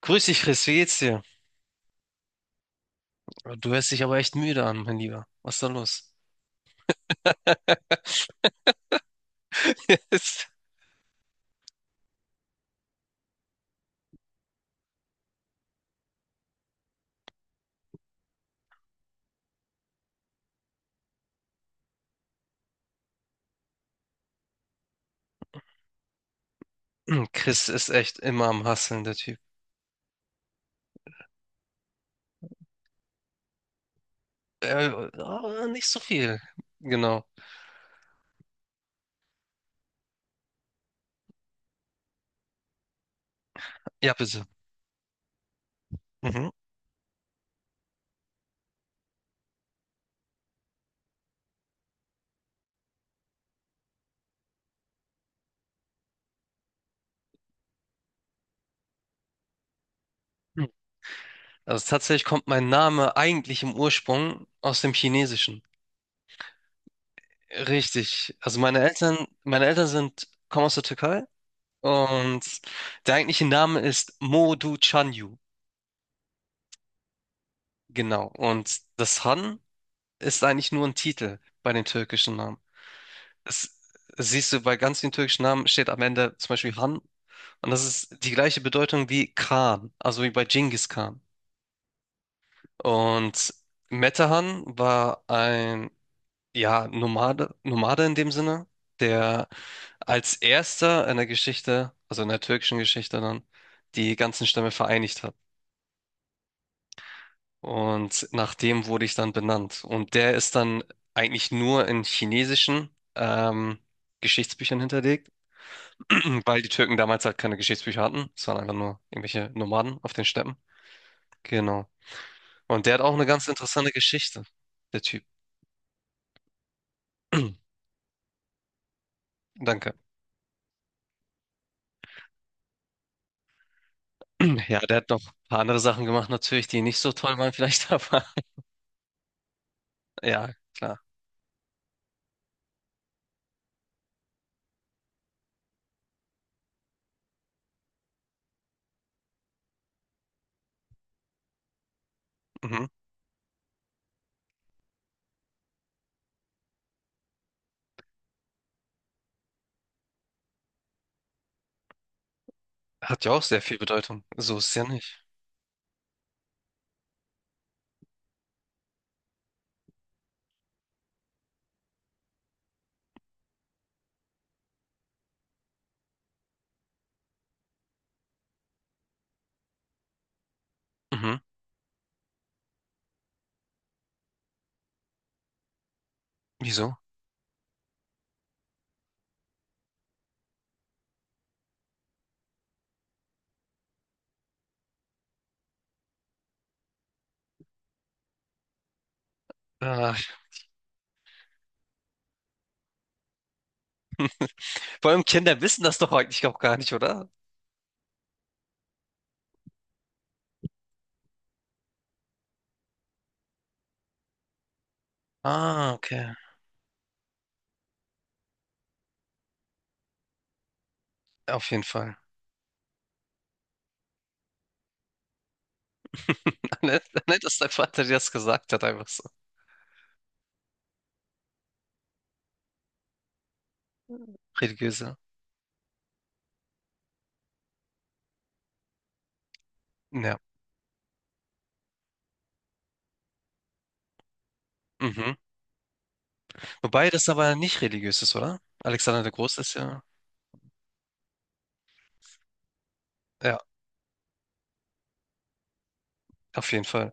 Grüß dich, Chris, wie geht's dir? Oh, du hörst dich aber echt müde an, mein Lieber. Was ist da los? Chris ist echt immer am Hasseln, der Typ. Nicht so viel. Genau. Ja, bitte. Mhm. Also tatsächlich kommt mein Name eigentlich im Ursprung aus dem Chinesischen. Richtig. Also meine Eltern sind, kommen aus der Türkei, und der eigentliche Name ist Modu Chanyu. Genau. Und das Han ist eigentlich nur ein Titel bei den türkischen Namen. Es, siehst du, bei ganz vielen türkischen Namen steht am Ende zum Beispiel Han. Und das ist die gleiche Bedeutung wie Khan, also wie bei Genghis Khan. Und Metehan war ein, ja, Nomade, Nomade in dem Sinne, der als erster in der Geschichte, also in der türkischen Geschichte dann, die ganzen Stämme vereinigt hat. Und nach dem wurde ich dann benannt. Und der ist dann eigentlich nur in chinesischen ähm, Geschichtsbüchern hinterlegt. Weil die Türken damals halt keine Geschichtsbücher hatten. Es waren einfach nur irgendwelche Nomaden auf den Steppen. Genau. Und der hat auch eine ganz interessante Geschichte, der Typ. Danke. Ja, der hat noch ein paar andere Sachen gemacht, natürlich, die nicht so toll waren, vielleicht, aber ja, klar. Mhm. Hat ja auch sehr viel Bedeutung. So ist es ja nicht. Mhm. Wieso? Äh, vor allem Kinder wissen das doch eigentlich auch gar nicht, oder? Ah, okay. Auf jeden Fall. Nett, nett, dass dein Vater dir das gesagt hat, einfach so. Religiöse. Ja. Mhm. Wobei das aber nicht religiös ist, oder? Alexander der Große ist ja. Ja, auf jeden Fall.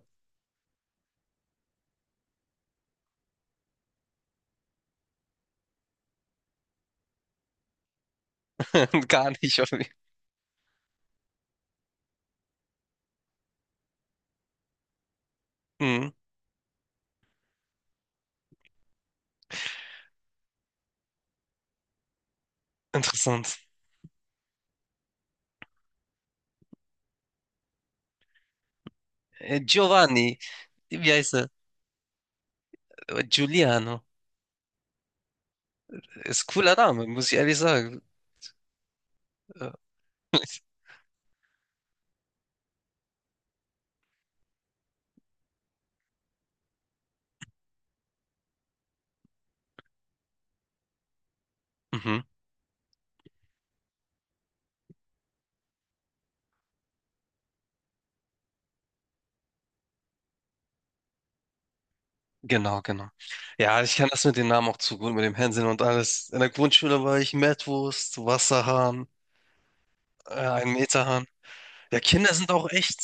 Gar nicht. Auf jeden. Hm, interessant. Giovanni, wie heißt er? Giuliano. Ist cooler Name, muss ich ehrlich sagen. Äh, mhm, genau, genau. Ja, ich kann das mit den Namen auch zu gut, mit dem Hänseln und alles. In der Grundschule war ich Mettwurst, Wasserhahn, ein Meterhahn. Ja, Kinder sind auch echt.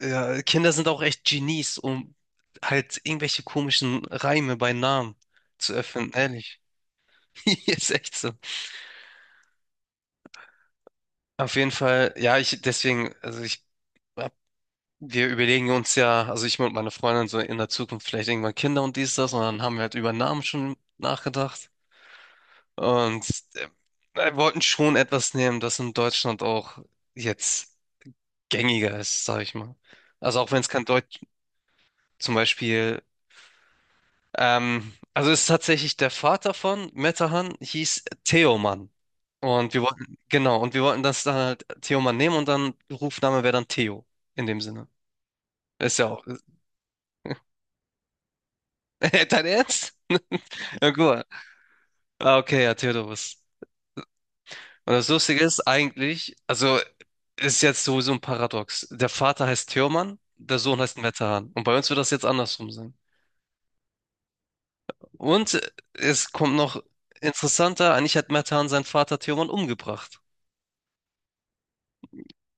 Ja, Kinder sind auch echt Genies, um halt irgendwelche komischen Reime bei Namen zu öffnen, ehrlich. Ist echt so. Auf jeden Fall, ja, ich deswegen, also ich, hab- Wir überlegen uns ja, also ich und meine Freundin so in der Zukunft vielleicht irgendwann Kinder und dies, das, und dann haben wir halt über Namen schon nachgedacht, und äh, wir wollten schon etwas nehmen, das in Deutschland auch jetzt gängiger ist, sag ich mal. Also auch wenn es kein Deutsch, zum Beispiel. Also ist tatsächlich der Vater von Metahan, hieß Theoman. Und wir wollten, genau, und wir wollten das dann halt Theoman nehmen, und dann Rufname wäre dann Theo in dem Sinne. Ist ja auch. Dein Ernst? Ja, gut. Ah, okay, ja, Theodorus. Und das Lustige ist eigentlich, also ist jetzt sowieso ein Paradox. Der Vater heißt Theoman, der Sohn heißt Metahan. Und bei uns wird das jetzt andersrum sein. Und es kommt noch interessanter, eigentlich hat Metahan seinen Vater Theoman umgebracht.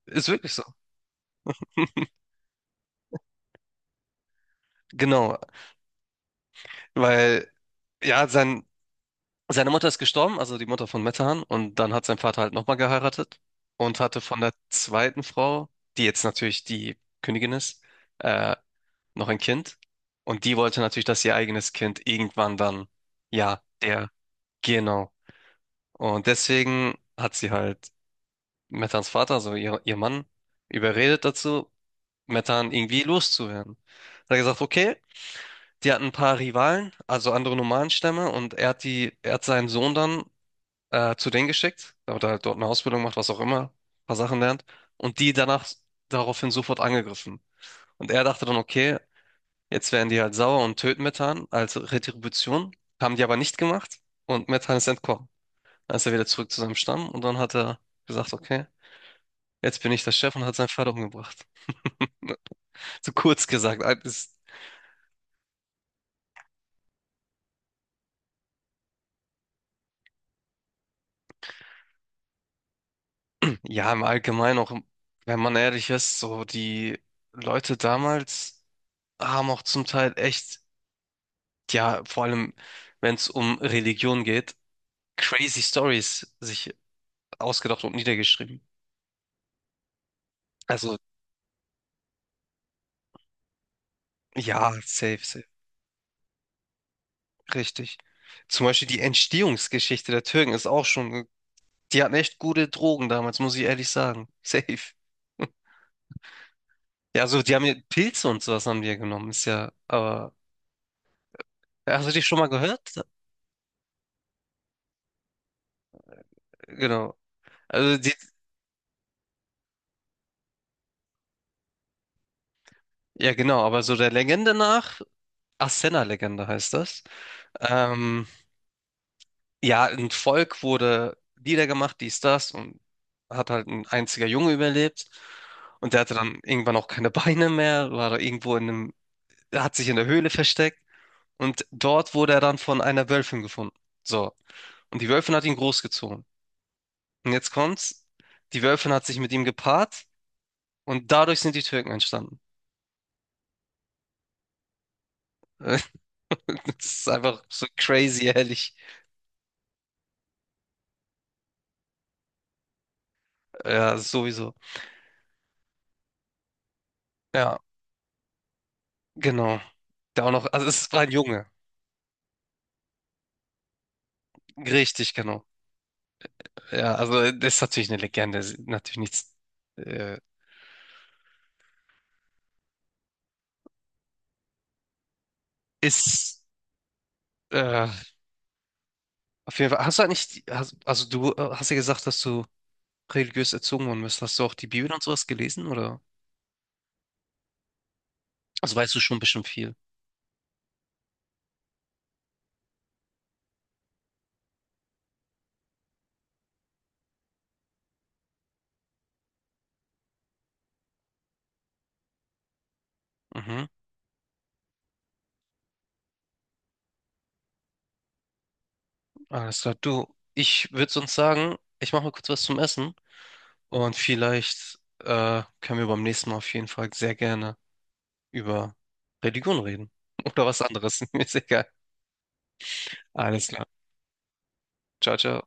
Ist wirklich so. Genau. Weil, ja, sein, seine Mutter ist gestorben, also die Mutter von Metehan, und dann hat sein Vater halt nochmal geheiratet und hatte von der zweiten Frau, die jetzt natürlich die Königin ist, äh, noch ein Kind. Und die wollte natürlich, dass ihr eigenes Kind irgendwann dann, ja, der, genau. Und deswegen hat sie halt Metans Vater, also ihr Mann, überredet dazu, Metehan irgendwie loszuwerden. Hat er gesagt, okay, die hatten ein paar Rivalen, also andere Nomadenstämme, und er hat seinen Sohn dann zu denen geschickt, damit er halt dort eine Ausbildung macht, was auch immer, ein paar Sachen lernt, und die danach daraufhin sofort angegriffen. Und er dachte dann, okay, jetzt werden die halt sauer und töten Methan als Retribution, haben die aber nicht gemacht, und Methan ist entkommen. Dann ist er wieder zurück zu seinem Stamm, und dann hat er gesagt, okay, jetzt bin ich der Chef, und hat seinen Vater umgebracht. So kurz gesagt, das. Ja, im Allgemeinen auch, wenn man ehrlich ist, so die Leute damals haben auch zum Teil echt, ja, vor allem wenn es um Religion geht, crazy Stories sich ausgedacht und niedergeschrieben. Also ja, safe, safe, richtig. Zum Beispiel die Entstehungsgeschichte der Türken ist auch schon, die hatten echt gute Drogen damals, muss ich ehrlich sagen. Safe. Ja, also die haben ja Pilze und sowas haben die ja genommen, ist ja, aber ja, hast du dich schon mal gehört? Genau. Also ja, genau, aber so der Legende nach, Arsena-Legende heißt das. Ähm, ja, ein Volk wurde niedergemacht, dies, das, und hat halt ein einziger Junge überlebt. Und der hatte dann irgendwann auch keine Beine mehr, war da irgendwo in einem, hat sich in der Höhle versteckt. Und dort wurde er dann von einer Wölfin gefunden. So. Und die Wölfin hat ihn großgezogen. Und jetzt kommt's, die Wölfin hat sich mit ihm gepaart und dadurch sind die Türken entstanden. Das ist einfach so crazy, ehrlich. Ja, sowieso. Ja. Genau. Der auch noch, also es war ein Junge. Richtig, genau. Ja, also das ist natürlich eine Legende, ist natürlich nichts. Äh, ist äh, auf jeden Fall. Hast du eigentlich, hast, also du hast ja gesagt, dass du religiös erzogen worden bist. Hast du auch die Bibel und sowas gelesen, oder? Also weißt du schon bestimmt viel. Mhm. Alles klar. Du, ich würde sonst sagen, ich mache mal kurz was zum Essen, und vielleicht können wir beim nächsten Mal auf jeden Fall sehr gerne über Religion reden. Oder was anderes. Mir ist egal. Alles klar. Jaja